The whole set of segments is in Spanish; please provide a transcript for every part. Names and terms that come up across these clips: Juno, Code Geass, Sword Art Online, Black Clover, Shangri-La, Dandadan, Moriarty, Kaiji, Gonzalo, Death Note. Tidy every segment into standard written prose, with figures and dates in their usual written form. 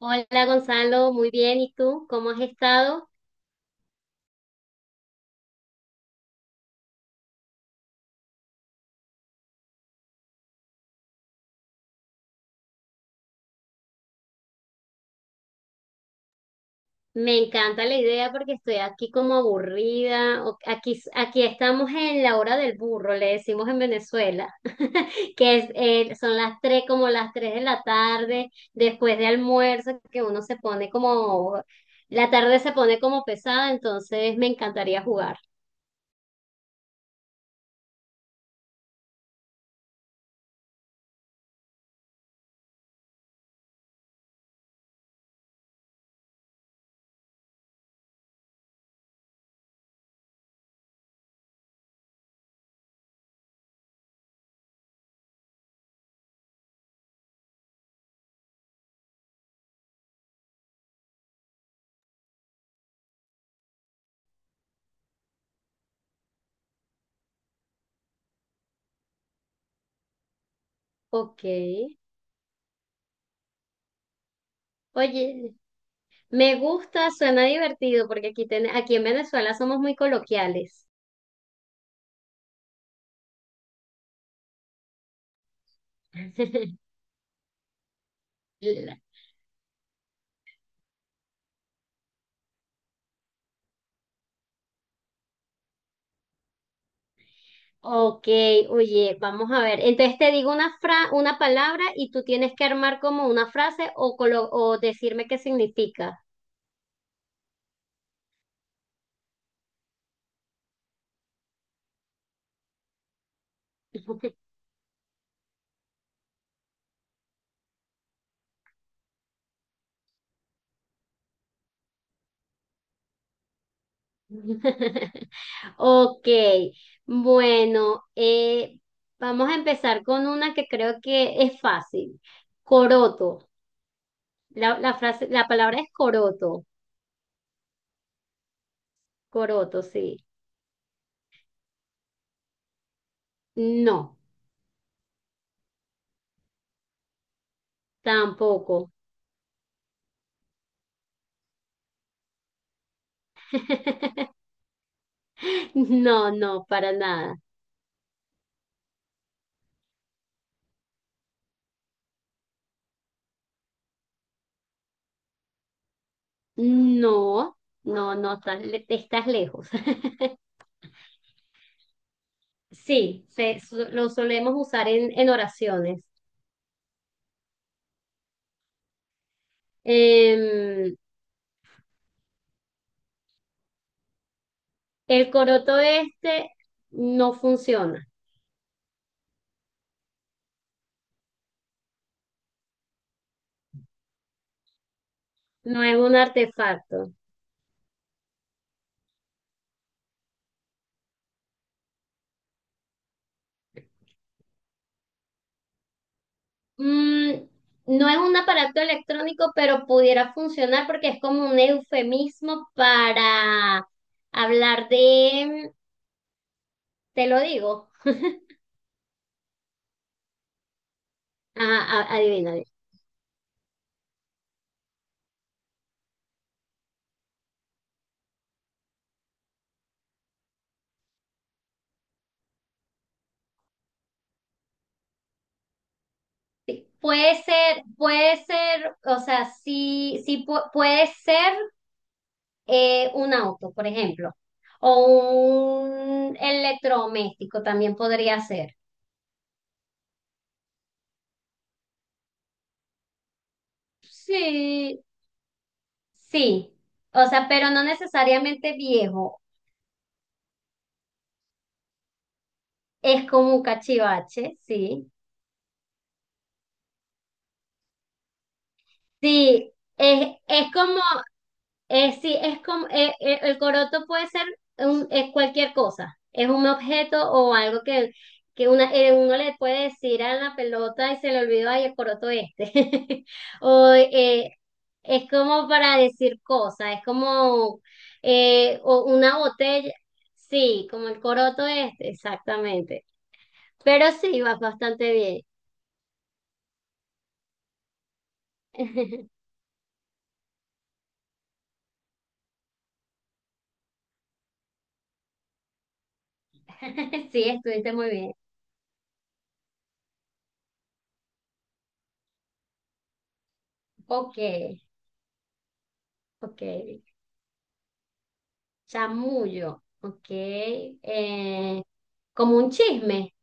Hola Gonzalo, muy bien. ¿Y tú? ¿Cómo has estado? Me encanta la idea porque estoy aquí como aburrida. Aquí, aquí estamos en la hora del burro, le decimos en Venezuela, que es, son las tres, como las tres de la tarde, después de almuerzo, que uno se pone como, la tarde se pone como pesada, entonces me encantaría jugar. Ok. Oye, me gusta, suena divertido porque aquí, aquí en Venezuela somos muy coloquiales. Ok, oye, vamos a ver. Entonces te digo una palabra y tú tienes que armar como una frase o, o decirme qué significa. Ok, bueno, vamos a empezar con una que creo que es fácil. Coroto. La frase, la palabra es coroto. Coroto, sí. No, tampoco. No, no, para nada. No, no, no, estás, estás lejos. Sí, lo solemos usar en oraciones. Em, el coroto este no funciona, no es un artefacto. Mm, no es un aparato electrónico, pero pudiera funcionar porque es como un eufemismo para hablar de, te lo digo. Ajá, adivina. Sí. Puede ser, o sea, sí, sí puede ser un auto, por ejemplo, o un electrodoméstico también podría ser. Sí, sí. O sea, pero no necesariamente viejo. Es como un cachivache, sí. Sí, es como, sí, es como el coroto puede ser cualquier cosa. Es un objeto o algo que una, uno le puede decir a la pelota y se le olvidó, ay, el coroto este. O es como para decir cosas, es como o una botella. Sí, como el coroto este, exactamente. Pero sí, vas bastante bien. Sí, estuviste muy bien. Ok, ok. Chamullo, ok. Como un chisme,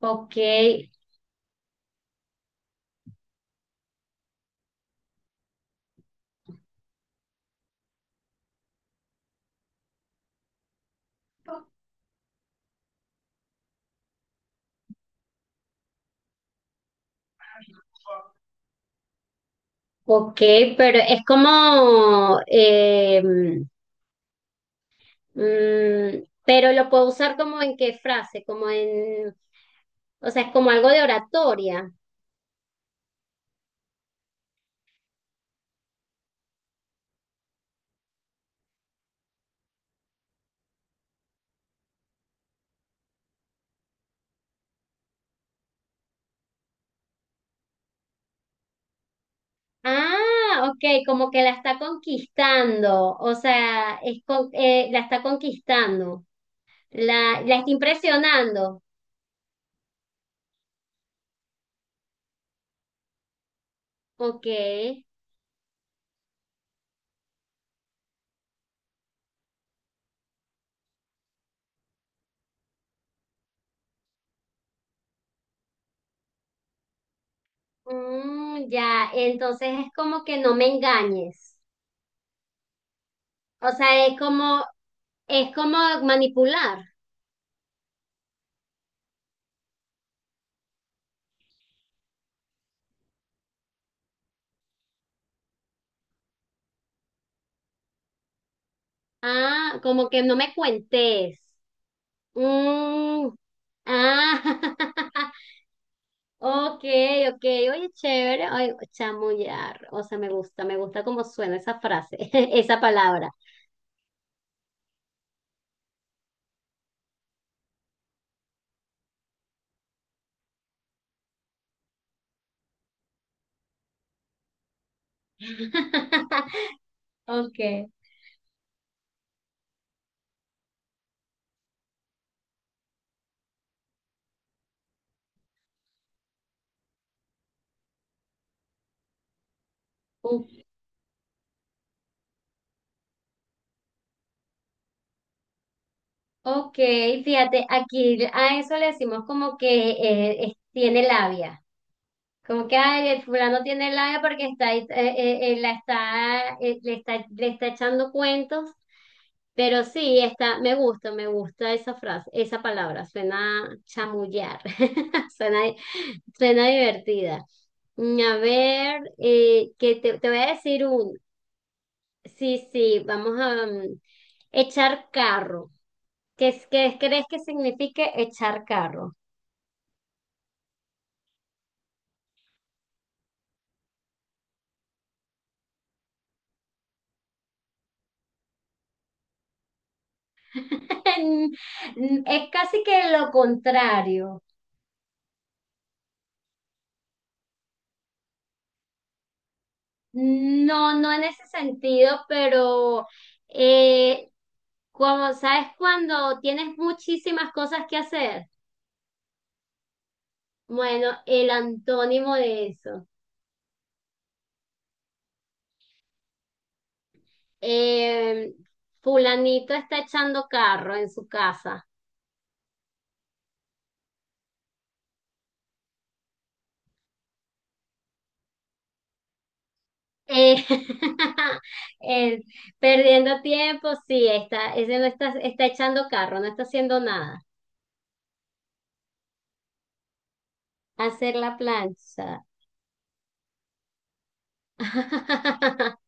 ok. Ok, pero es como, mm, pero lo puedo usar como en qué frase, como en, o sea, es como algo de oratoria. Ah, ok, como que la está conquistando, o sea, la está conquistando, la está impresionando. Ok. Mm, ya, entonces es como que no me engañes. O sea, es como manipular. Ah, como que no me cuentes. Mm, ah, ok, ok. Oye, chévere. Ay, chamullar. O sea, me gusta cómo suena esa frase, esa palabra. Okay. u- Ok, fíjate, aquí a eso le decimos como que tiene labia. Como que ay, el fulano tiene labia porque está, ahí, la está, le está, le está echando cuentos. Pero sí, está, me gusta esa frase, esa palabra, suena chamullar, suena, suena divertida. Mm, a ver, que te voy a decir un, sí, sí, vamos a echar carro. ¿Qué, qué crees que signifique echar carro? Es casi que lo contrario. No, no en ese sentido, pero eh, como sabes, cuando tienes muchísimas cosas que hacer, bueno, el antónimo de eso. Eh, Fulanito está echando carro en su casa. Eh, eh, perdiendo tiempo, sí, está, ese no está, está echando carro, no está haciendo nada. Hacer la plancha.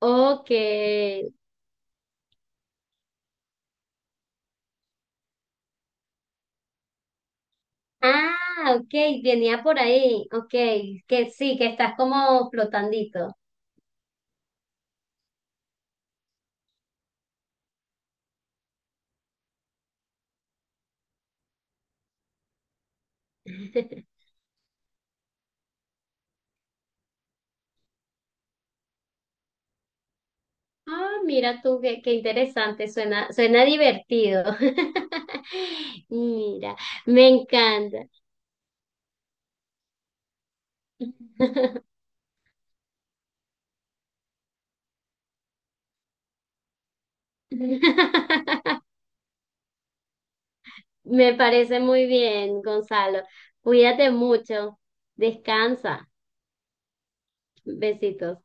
Ok. Ah, ok, venía por ahí. Ok, que sí, que estás como flotandito. Ah, mira tú, qué, qué interesante, suena, suena divertido. Mira, me encanta. Me parece muy bien, Gonzalo. Cuídate mucho. Descansa. Besitos.